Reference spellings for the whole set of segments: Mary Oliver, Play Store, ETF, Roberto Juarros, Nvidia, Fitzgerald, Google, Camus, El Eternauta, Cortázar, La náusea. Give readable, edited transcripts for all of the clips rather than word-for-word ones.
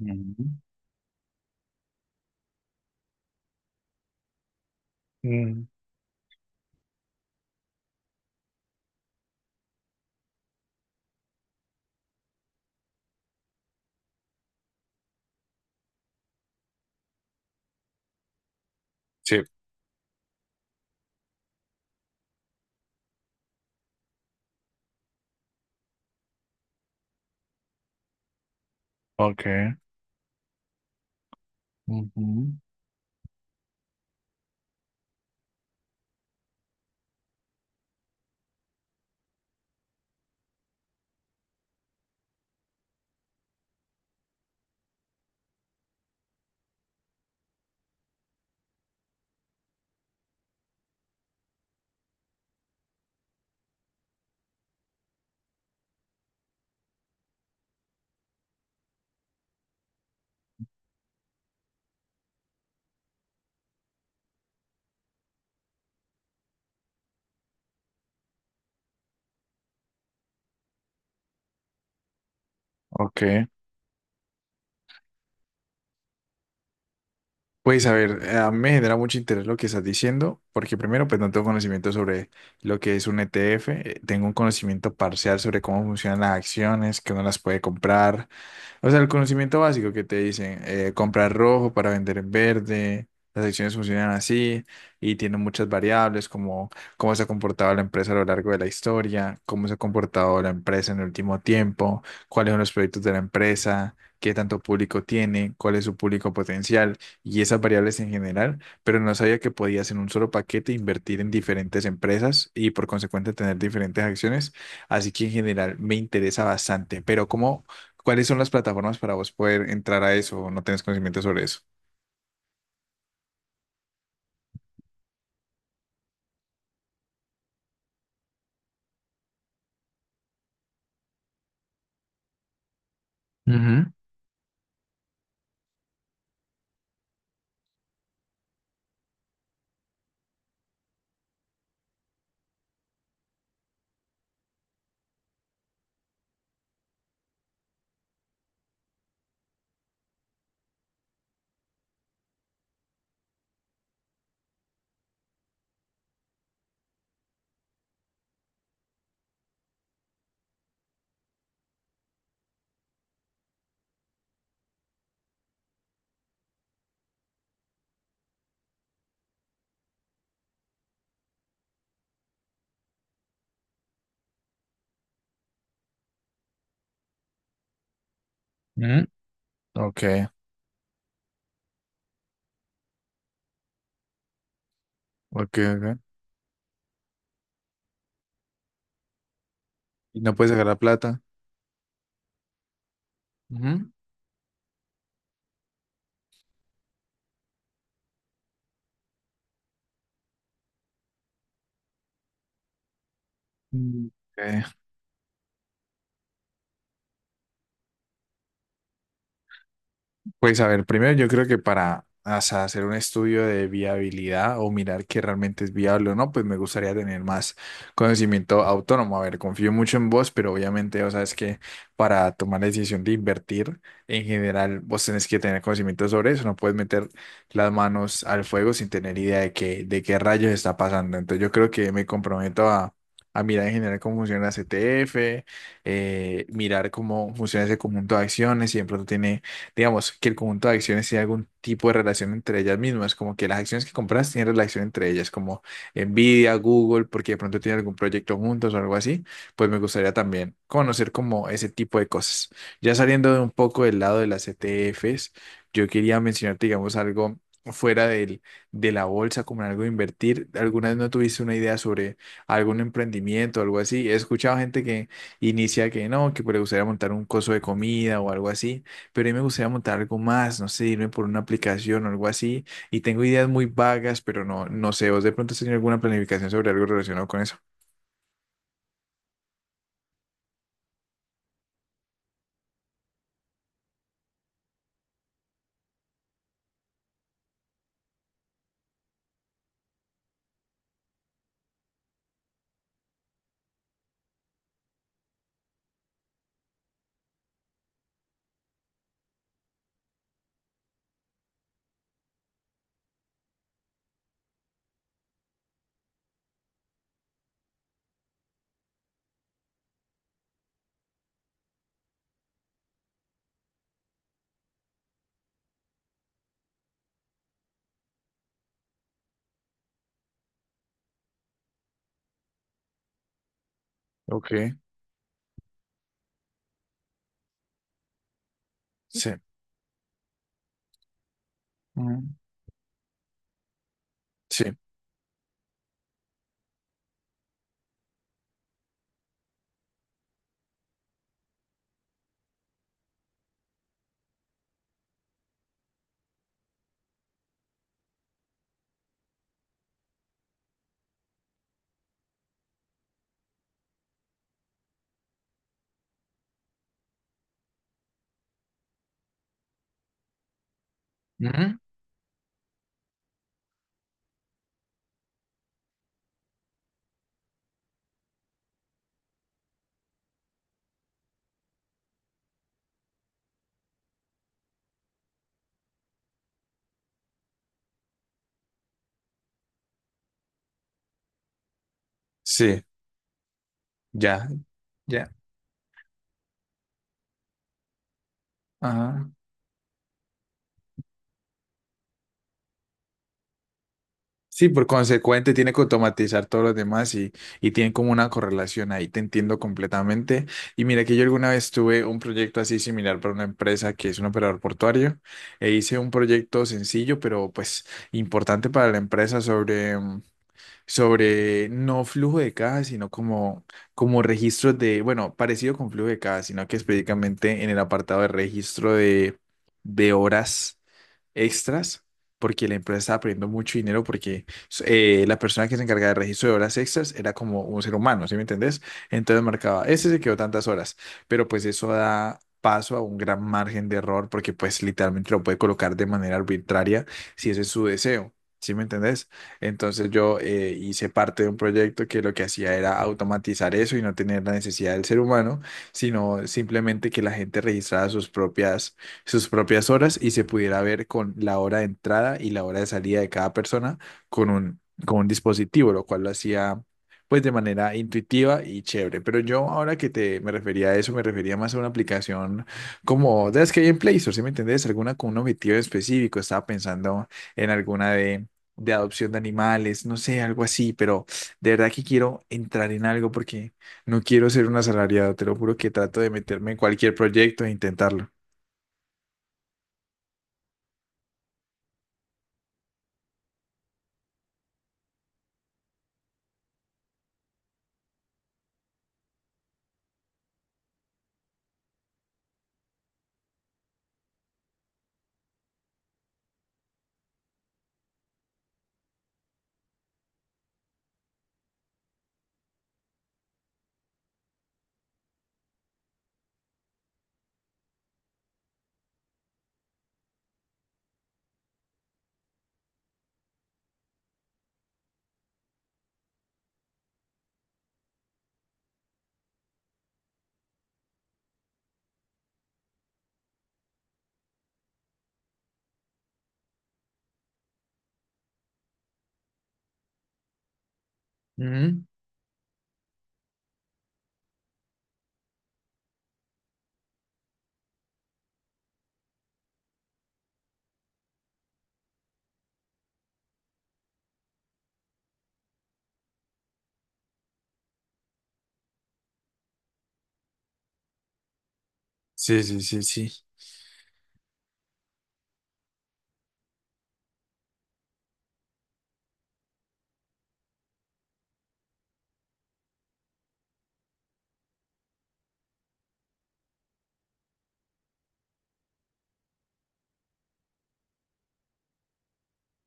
Ujú. Mm. Sí. Ok. Ujú. Ok. Pues a ver, a mí me genera mucho interés lo que estás diciendo, porque primero, pues no tengo conocimiento sobre lo que es un ETF. Tengo un conocimiento parcial sobre cómo funcionan las acciones, que uno las puede comprar, o sea, el conocimiento básico que te dicen: comprar rojo para vender en verde. Las acciones funcionan así y tienen muchas variables, como cómo se ha comportado la empresa a lo largo de la historia, cómo se ha comportado la empresa en el último tiempo, cuáles son los proyectos de la empresa, qué tanto público tiene, cuál es su público potencial y esas variables en general. Pero no sabía que podías en un solo paquete invertir en diferentes empresas y por consecuente tener diferentes acciones. Así que en general me interesa bastante, pero ¿cómo, cuáles son las plataformas para vos poder entrar a eso o no tenés conocimiento sobre eso? Ujú, ujú. Ok, ok, ok. ¿Y no puedes sacar la plata? Ujú. Mm. Ok. Pues a ver, primero yo creo que para, o sea, hacer un estudio de viabilidad o mirar que realmente es viable o no, pues me gustaría tener más conocimiento autónomo. A ver, confío mucho en vos, pero obviamente, o sea, es que para tomar la decisión de invertir, en general, vos tenés que tener conocimiento sobre eso. No puedes meter las manos al fuego sin tener idea de qué, rayos está pasando. Entonces yo creo que me comprometo a mirar en general cómo funciona la CTF, mirar cómo funciona ese conjunto de acciones, si de pronto tiene, digamos, que el conjunto de acciones tiene algún tipo de relación entre ellas mismas, como que las acciones que compras tienen relación entre ellas, como Nvidia, Google, porque de pronto tienen algún proyecto juntos o algo así. Pues me gustaría también conocer como ese tipo de cosas. Ya saliendo de un poco del lado de las ETFs, yo quería mencionarte, digamos, algo fuera del, de la bolsa, como en algo de invertir. ¿Alguna vez no tuviste una idea sobre algún emprendimiento o algo así? He escuchado gente que inicia que no, que pues le gustaría montar un coso de comida o algo así, pero a mí me gustaría montar algo más, no sé, irme por una aplicación o algo así. Y tengo ideas muy vagas, pero no, no sé, ¿vos de pronto has tenido alguna planificación sobre algo relacionado con eso? Ok, sí, mm, sí, ujú, sí, ya, ya, ajá. Sí, por consecuente tiene que automatizar todos los demás y tienen como una correlación ahí, te entiendo completamente. Y mira que yo alguna vez tuve un proyecto así similar para una empresa que es un operador portuario e hice un proyecto sencillo, pero pues importante para la empresa sobre sobre no flujo de caja, sino como, como registros de, bueno, parecido con flujo de caja, sino que específicamente en el apartado de registro de horas extras, porque la empresa estaba perdiendo mucho dinero porque la persona que se encargaba del registro de horas extras era como un ser humano, ¿sí me entendés? Entonces marcaba, ese se quedó tantas horas, pero pues eso da paso a un gran margen de error porque pues literalmente lo puede colocar de manera arbitraria si ese es su deseo, ¿sí me entendés? Entonces yo hice parte de un proyecto que lo que hacía era automatizar eso y no tener la necesidad del ser humano, sino simplemente que la gente registrara sus propias horas y se pudiera ver con la hora de entrada y la hora de salida de cada persona con un, con un dispositivo, lo cual lo hacía pues de manera intuitiva y chévere. Pero yo ahora que te me refería a eso, me refería más a una aplicación como de las que hay en Play Store, ¿sí me entendés? Alguna con un objetivo específico, estaba pensando en alguna de adopción de animales, no sé, algo así, pero de verdad que quiero entrar en algo porque no quiero ser un asalariado, te lo juro que trato de meterme en cualquier proyecto e intentarlo. Ujú. Sí, sí, sí. Sí.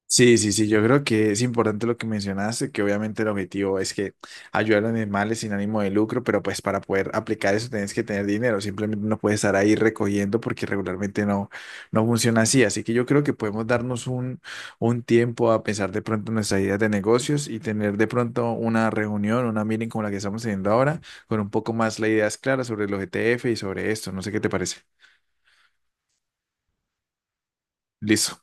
Sí, sí, sí, yo creo que es importante lo que mencionaste, que obviamente el objetivo es que ayudar a los animales sin ánimo de lucro, pero pues para poder aplicar eso tienes que tener dinero, simplemente no puedes estar ahí recogiendo porque regularmente no, no funciona así, así que yo creo que podemos darnos un, tiempo a pensar de pronto nuestras ideas de negocios y tener de pronto una reunión, una meeting como la que estamos teniendo ahora, con un poco más las ideas claras sobre los ETF y sobre esto, no sé qué te parece. Listo.